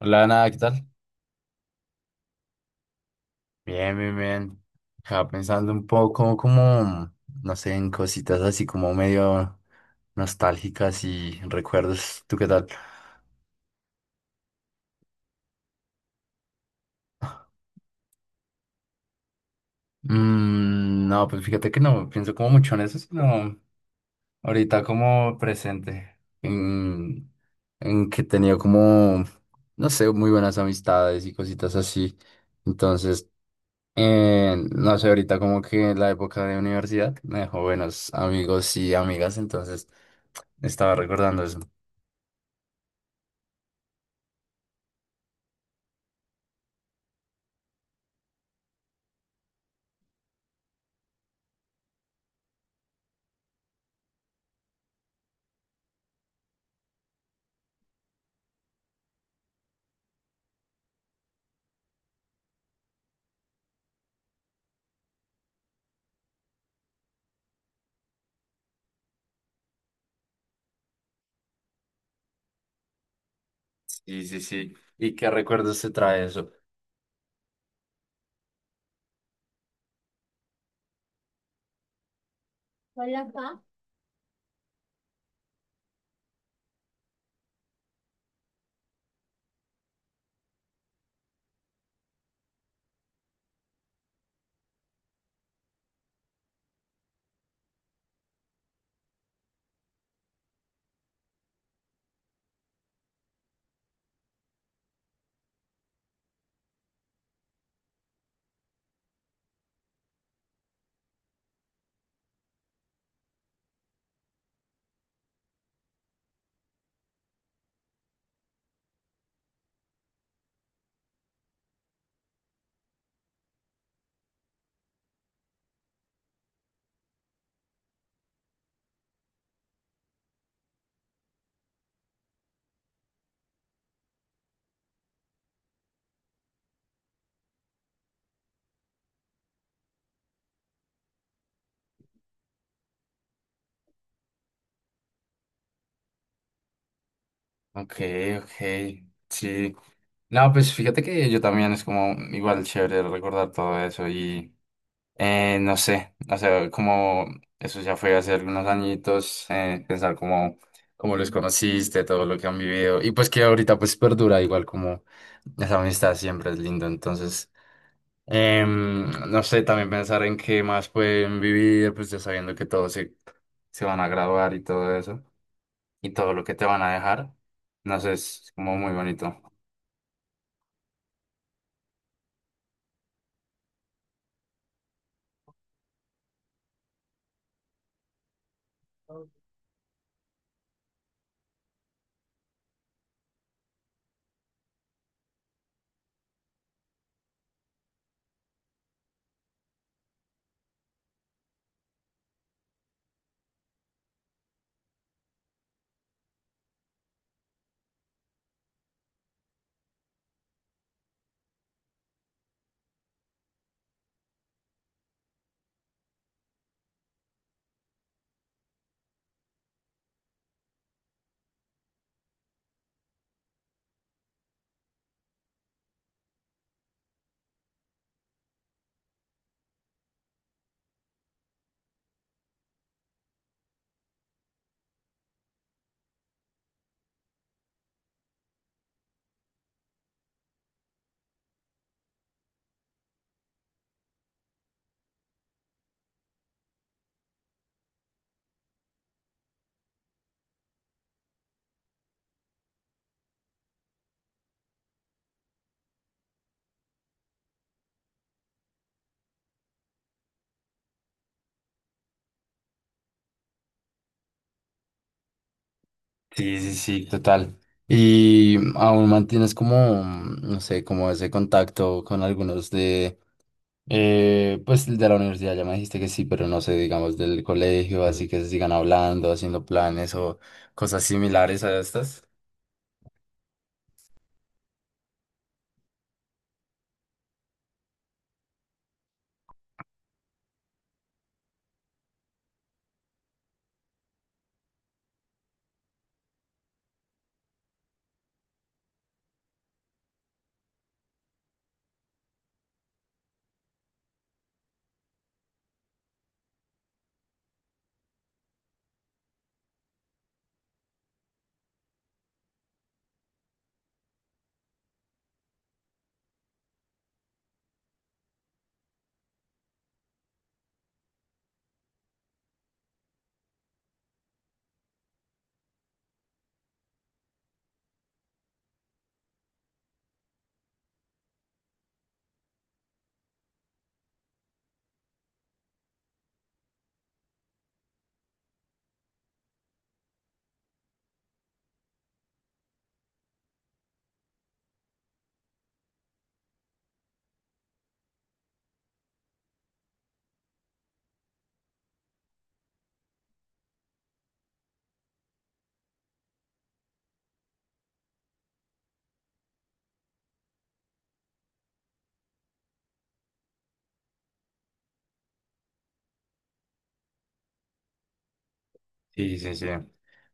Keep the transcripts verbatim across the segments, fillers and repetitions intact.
Hola, nada, ¿qué tal? Bien, bien, bien. Estaba pensando un poco como, no sé, en cositas así como medio nostálgicas y recuerdos. ¿Tú qué tal? Mm, no, pues fíjate que no pienso como mucho en eso, sino ahorita como presente, en, en que he tenido como, no sé, muy buenas amistades y cositas así. Entonces, eh, no sé, ahorita como que la época de universidad me dejó buenos amigos y amigas, entonces... Estaba recordando eso. Sí, sí, sí. ¿Y qué recuerdos te trae eso? Hola, pa. Ok, ok. Sí. No, pues fíjate que yo también es como igual chévere recordar todo eso y eh, no sé, o sea, como eso ya fue hace algunos añitos, eh, pensar como cómo los conociste, todo lo que han vivido y pues que ahorita pues perdura igual como esa amistad siempre es lindo, entonces... Em, no sé, también pensar en qué más pueden vivir, pues ya sabiendo que todos se, se van a graduar y todo eso, y todo lo que te van a dejar. No sé, es como muy bonito. Sí, sí, sí, total. Y aún mantienes como, no sé, como ese contacto con algunos de, eh, pues de la universidad, ya me dijiste que sí, pero no sé, digamos del colegio, así que se sigan hablando, haciendo planes o cosas similares a estas. Sí, sí, sí.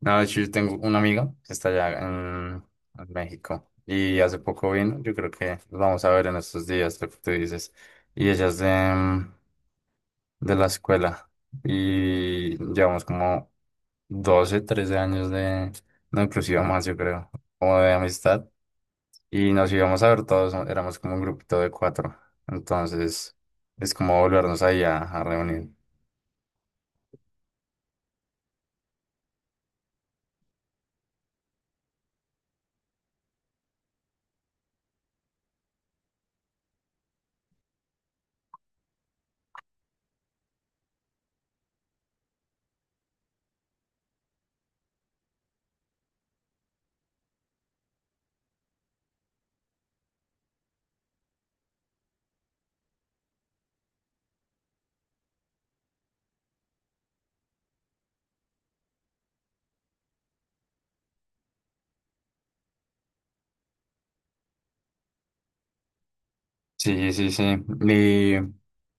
No, de hecho, yo tengo una amiga que está allá en, en México y hace poco vino. Yo creo que nos vamos a ver en estos días, lo que tú dices. Y ella es de, mm, de la escuela y llevamos como doce, trece años de, no, inclusive más, yo creo, como de amistad. Y nos íbamos a ver todos, ¿no? Éramos como un grupito de cuatro. Entonces, es como volvernos ahí a, a reunir. Sí, sí, sí. Y,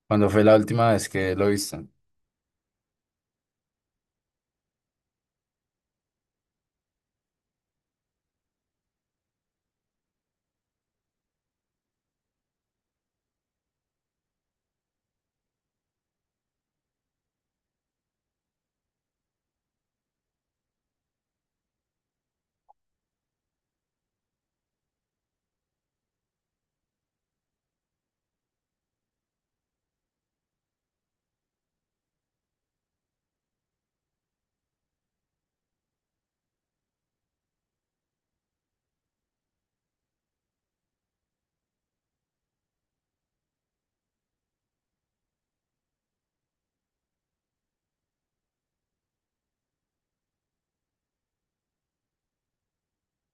¿cuando fue la última vez que lo viste?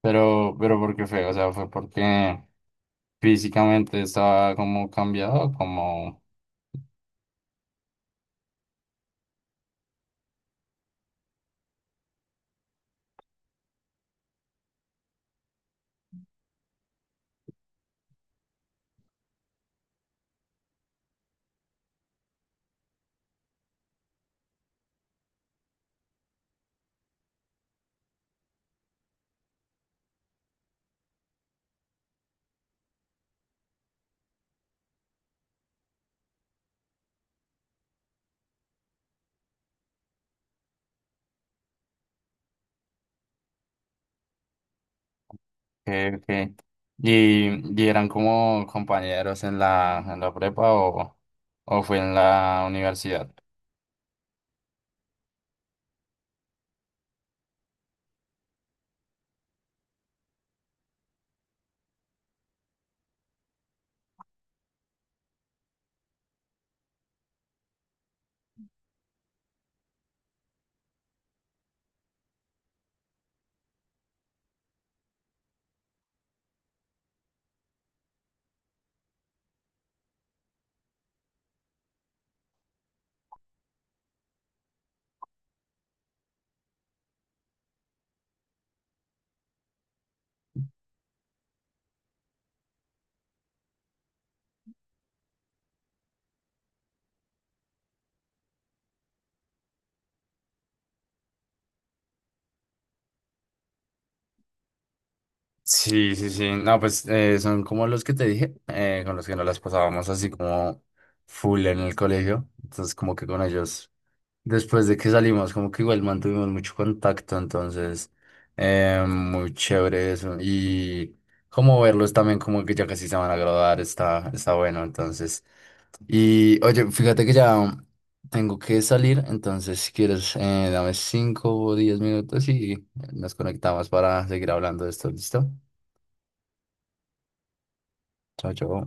Pero, pero ¿por qué fue? O sea, ¿fue porque físicamente estaba como cambiado, como que, que... Y, y eran como compañeros en la, en la prepa o, ¿o fue en la universidad? Sí, sí, sí. No, pues eh, son como los que te dije, eh, con los que nos las pasábamos así como full en el colegio. Entonces, como que con ellos después de que salimos, como que igual mantuvimos mucho contacto, entonces, eh, muy chévere eso. Y como verlos también, como que ya casi se van a graduar, está, está bueno, entonces. Y oye, fíjate que ya tengo que salir, entonces si quieres, eh, dame cinco o diez minutos y nos conectamos para seguir hablando de esto, ¿listo? Chao, chao.